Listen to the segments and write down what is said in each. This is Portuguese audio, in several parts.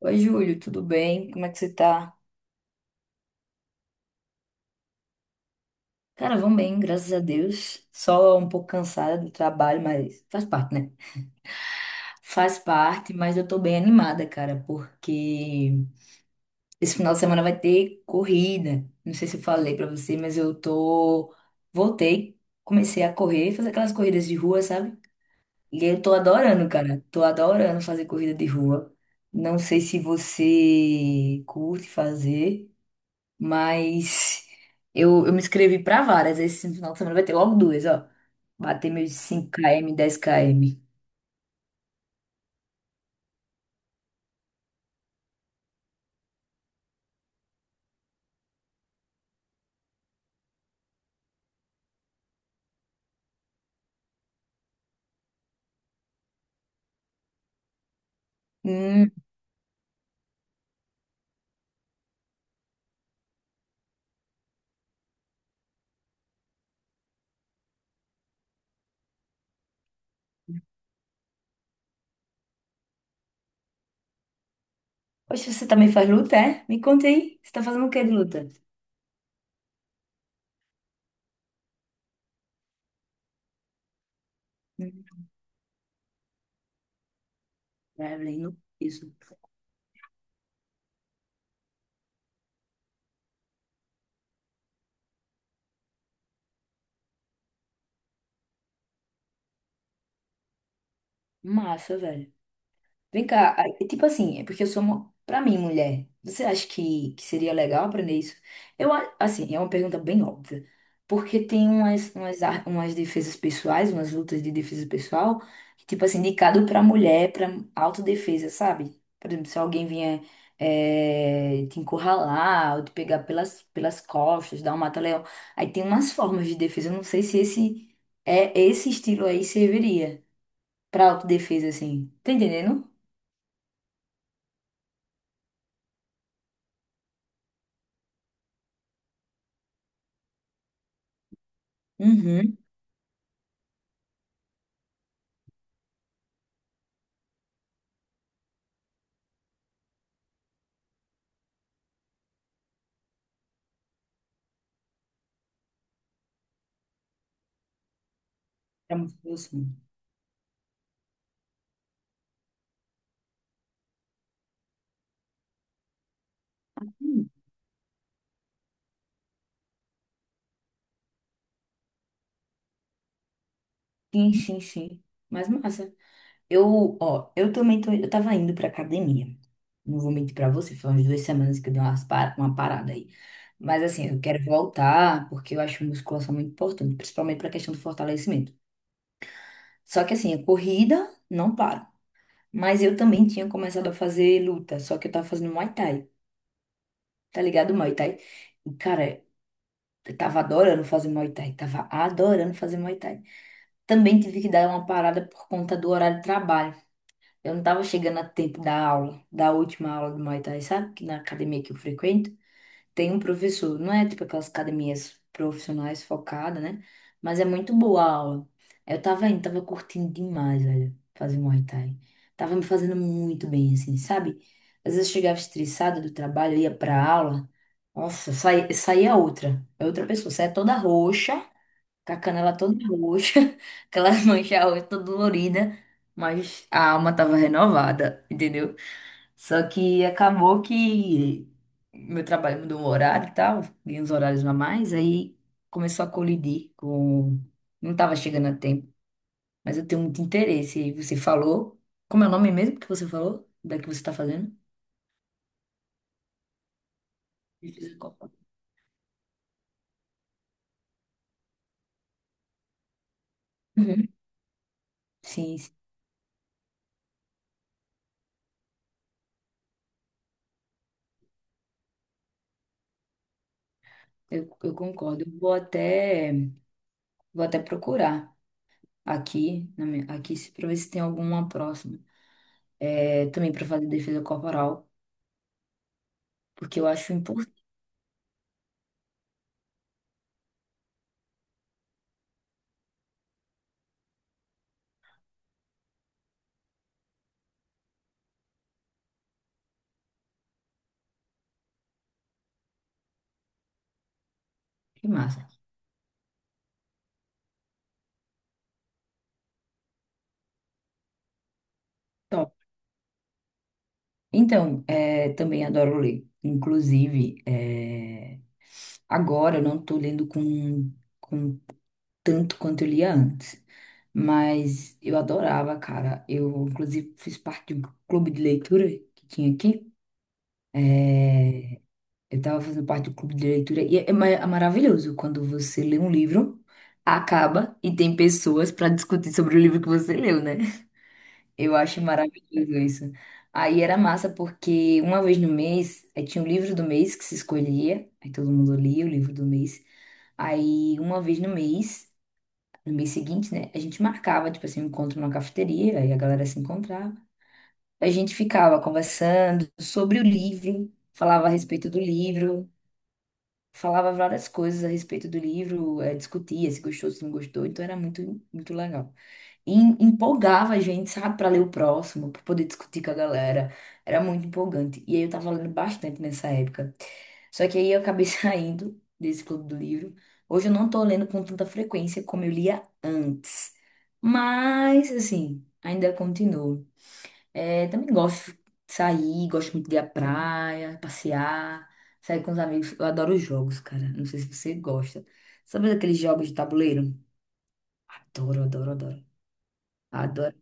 Oi, Júlio, tudo bem? Como é que você tá? Cara, vão bem, graças a Deus. Só um pouco cansada do trabalho, mas faz parte, né? Faz parte, mas eu tô bem animada, cara, porque esse final de semana vai ter corrida. Não sei se eu falei pra você, mas eu tô. Voltei, comecei a correr, fazer aquelas corridas de rua, sabe? E eu tô adorando, cara. Tô adorando fazer corrida de rua. Não sei se você curte fazer. Mas eu me inscrevi pra várias. Esse final de semana vai ter logo duas, ó. Bater meus 5 km 10 km. Hum. Poxa, você também faz luta, é? Me conta aí. Você tá fazendo o que de luta? Hum, Traveling no peso. Massa, velho. Vem cá, aí, tipo assim, é porque eu sou uma, pra mim, mulher, você acha que seria legal aprender isso? Eu, assim, é uma pergunta bem óbvia, porque tem umas defesas pessoais, umas lutas de defesa pessoal, tipo assim, indicado pra mulher, pra autodefesa, sabe? Por exemplo, se alguém vier te encurralar, ou te pegar pelas costas, dar um mata-leão, aí tem umas formas de defesa, eu não sei se esse estilo aí serviria pra autodefesa, assim, tá entendendo? Uhum. É muito bom, sim. Hum. Sim, sim, sim. Mas massa. Eu, ó, eu tava indo pra academia. Não vou mentir pra você, foi umas 2 semanas que eu dei uma parada aí. Mas assim, eu quero voltar porque eu acho musculação muito importante, principalmente pra questão do fortalecimento. Só que assim, a corrida não paro. Mas eu também tinha começado a fazer luta, só que eu tava fazendo Muay Thai. Tá ligado, Muay Thai? E, cara, eu tava adorando fazer Muay Thai, tava adorando fazer Muay Thai. Também tive que dar uma parada por conta do horário de trabalho. Eu não estava chegando a tempo da aula, da última aula do Muay Thai, sabe? Que na academia que eu frequento tem um professor, não é tipo aquelas academias profissionais focadas, né? Mas é muito boa a aula. Eu tava indo, tava curtindo demais, velho, fazer Muay Thai. Tava me fazendo muito bem, assim, sabe? Às vezes eu chegava estressada do trabalho, ia pra aula, nossa, saía outra, é outra pessoa, saía toda roxa. Com a canela toda roxa, aquela mancha roxa toda dolorida, mas a alma tava renovada, entendeu? Só que acabou que meu trabalho mudou o horário e tal, e uns horários a mais, aí começou a colidir com. Não tava chegando a tempo, mas eu tenho muito interesse. E você falou. Como é o nome mesmo que você falou? Da que você tá fazendo? De Fisiocopa. Uhum. Sim, sim, eu concordo. Eu vou até procurar. Aqui, na minha- aqui se- pra ver se tem alguma próxima. É, também pra fazer defesa corporal, porque eu acho importante. Que massa. Top. Então, também adoro ler. Inclusive, agora eu não estou lendo com tanto quanto eu lia antes. Mas eu adorava, cara. Eu, inclusive, fiz parte de um clube de leitura que tinha aqui. Eu estava fazendo parte do clube de leitura e é maravilhoso quando você lê um livro, acaba e tem pessoas para discutir sobre o livro que você leu, né? Eu acho maravilhoso isso. Aí era massa porque uma vez no mês, aí tinha o livro do mês que se escolhia, aí todo mundo lia o livro do mês. Aí uma vez no mês, no mês seguinte, né, a gente marcava, tipo assim, um encontro numa cafeteria, aí a galera se encontrava. A gente ficava conversando sobre o livro, falava a respeito do livro, falava várias coisas a respeito do livro, discutia se gostou, se não gostou, então era muito, muito legal. E empolgava a gente, sabe, para ler o próximo, para poder discutir com a galera. Era muito empolgante. E aí eu tava lendo bastante nessa época. Só que aí eu acabei saindo desse clube do livro. Hoje eu não tô lendo com tanta frequência como eu lia antes. Mas, assim, ainda continuo. É, também gosto de sair, gosto muito de ir à praia, passear, sair com os amigos. Eu adoro jogos, cara. Não sei se você gosta. Sabe aqueles jogos de tabuleiro? Adoro, adoro, adoro. Adoro.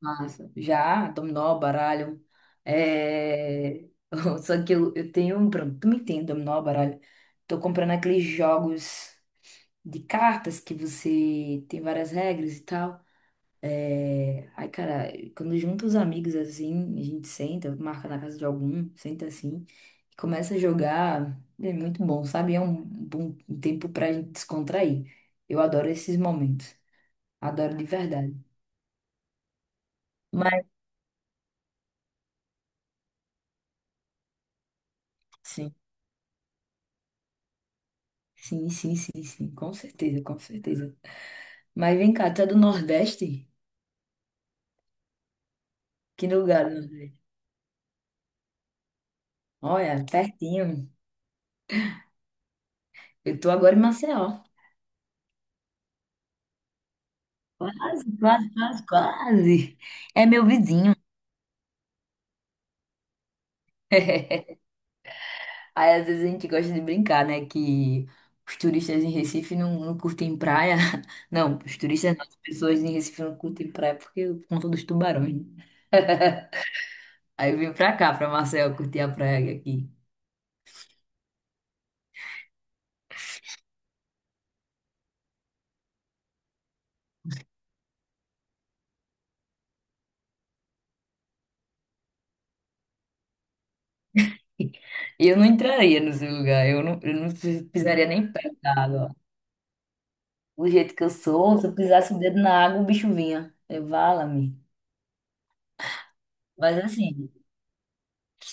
Massa. Já, dominó, baralho. É. Só que eu tenho um problema. Tu me entende, dominó, baralho. Tô comprando aqueles jogos de cartas que você tem várias regras e tal. Ai, cara, quando junta os amigos assim, a gente senta, marca na casa de algum, senta assim, e começa a jogar, é muito bom, sabe? É um bom tempo pra gente descontrair. Eu adoro esses momentos, adoro de verdade. Mas sim, sim, sim, sim, sim, com certeza, com certeza. Mas vem cá, tu é do Nordeste? Que lugar do Nordeste? Olha, pertinho. Eu tô agora em Maceió. Quase, quase, quase, quase. É meu vizinho. Aí às vezes a gente gosta de brincar, né? Que os turistas em Recife não curtem praia. Não, os turistas não, as pessoas em Recife não curtem praia porque por conta dos tubarões, né? Aí eu vim pra cá, pra Marcel, curtir a praia aqui. E eu não entraria no seu lugar, eu não pisaria nem perto da água. Do jeito que eu sou, se eu pisasse o dedo na água, o bicho vinha. Eu, vala-me. Mas assim.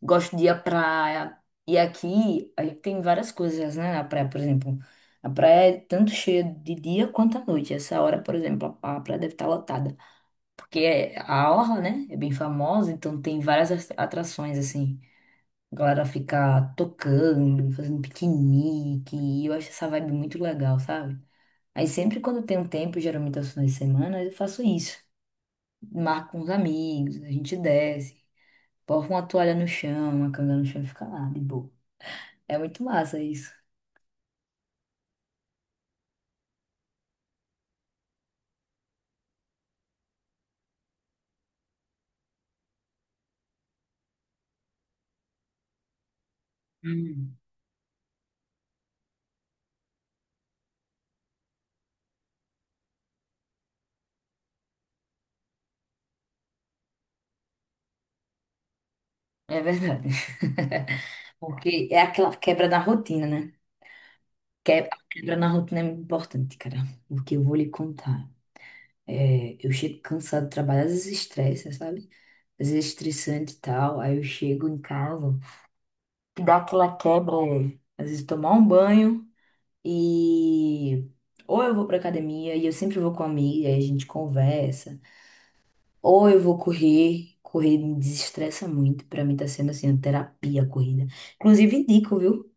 Gosto de ir à praia. E aqui aí tem várias coisas, né? Na praia, por exemplo. A praia é tanto cheia de dia quanto à noite. Essa hora, por exemplo, a praia deve estar lotada. Porque a orla, né? É bem famosa, então tem várias atrações, assim. A galera fica tocando, fazendo piquenique. E eu acho essa vibe muito legal, sabe? Aí sempre quando tem um tempo, geralmente aos finais de semana, eu faço isso. Marco com os amigos, a gente desce. Porra uma toalha no chão, uma canga no chão e fica lá, de boa. É muito massa isso. Uhum. É verdade. Porque é aquela quebra na rotina, né? A quebra na rotina é muito importante, cara. Porque eu vou lhe contar. É, eu chego cansado do trabalho, às vezes estressa, sabe? Às vezes estressante e tal. Aí eu chego em casa, que dá aquela quebra, às vezes tomar um banho e. Ou eu vou pra academia e eu sempre vou com a amiga, aí a gente conversa. Ou eu vou correr, correr me desestressa muito, pra mim tá sendo assim, uma terapia a corrida. Inclusive indico, viu?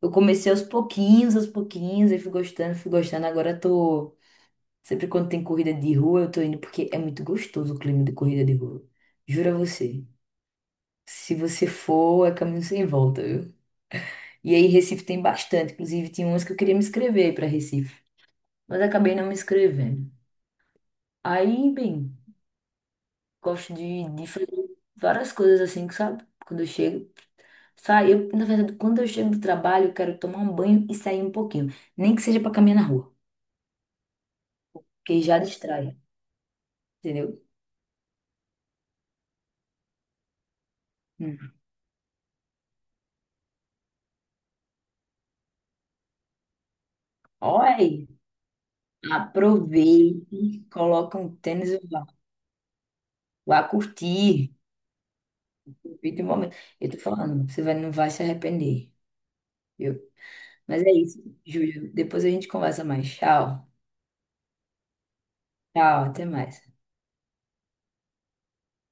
Eu comecei aos pouquinhos, e fui gostando, fui gostando. Agora eu tô, sempre quando tem corrida de rua, eu tô indo porque é muito gostoso o clima de corrida de rua. Juro a você. Se você for, é caminho sem volta, viu? E aí Recife tem bastante, inclusive tinha umas que eu queria me inscrever para Recife, mas acabei não me inscrevendo. Aí, bem, gosto de fazer várias coisas assim, que sabe? Quando eu chego. Eu, na verdade, quando eu chego do trabalho, eu quero tomar um banho e sair um pouquinho. Nem que seja para caminhar na rua, porque já distrai, entendeu? Hum. Oi, aproveite, coloca um tênis e vá, vá curtir. Aproveite o momento. Eu tô falando, você vai, não vai se arrepender, viu? Mas é isso, Júlio. Depois a gente conversa mais. Tchau. Tchau, até mais.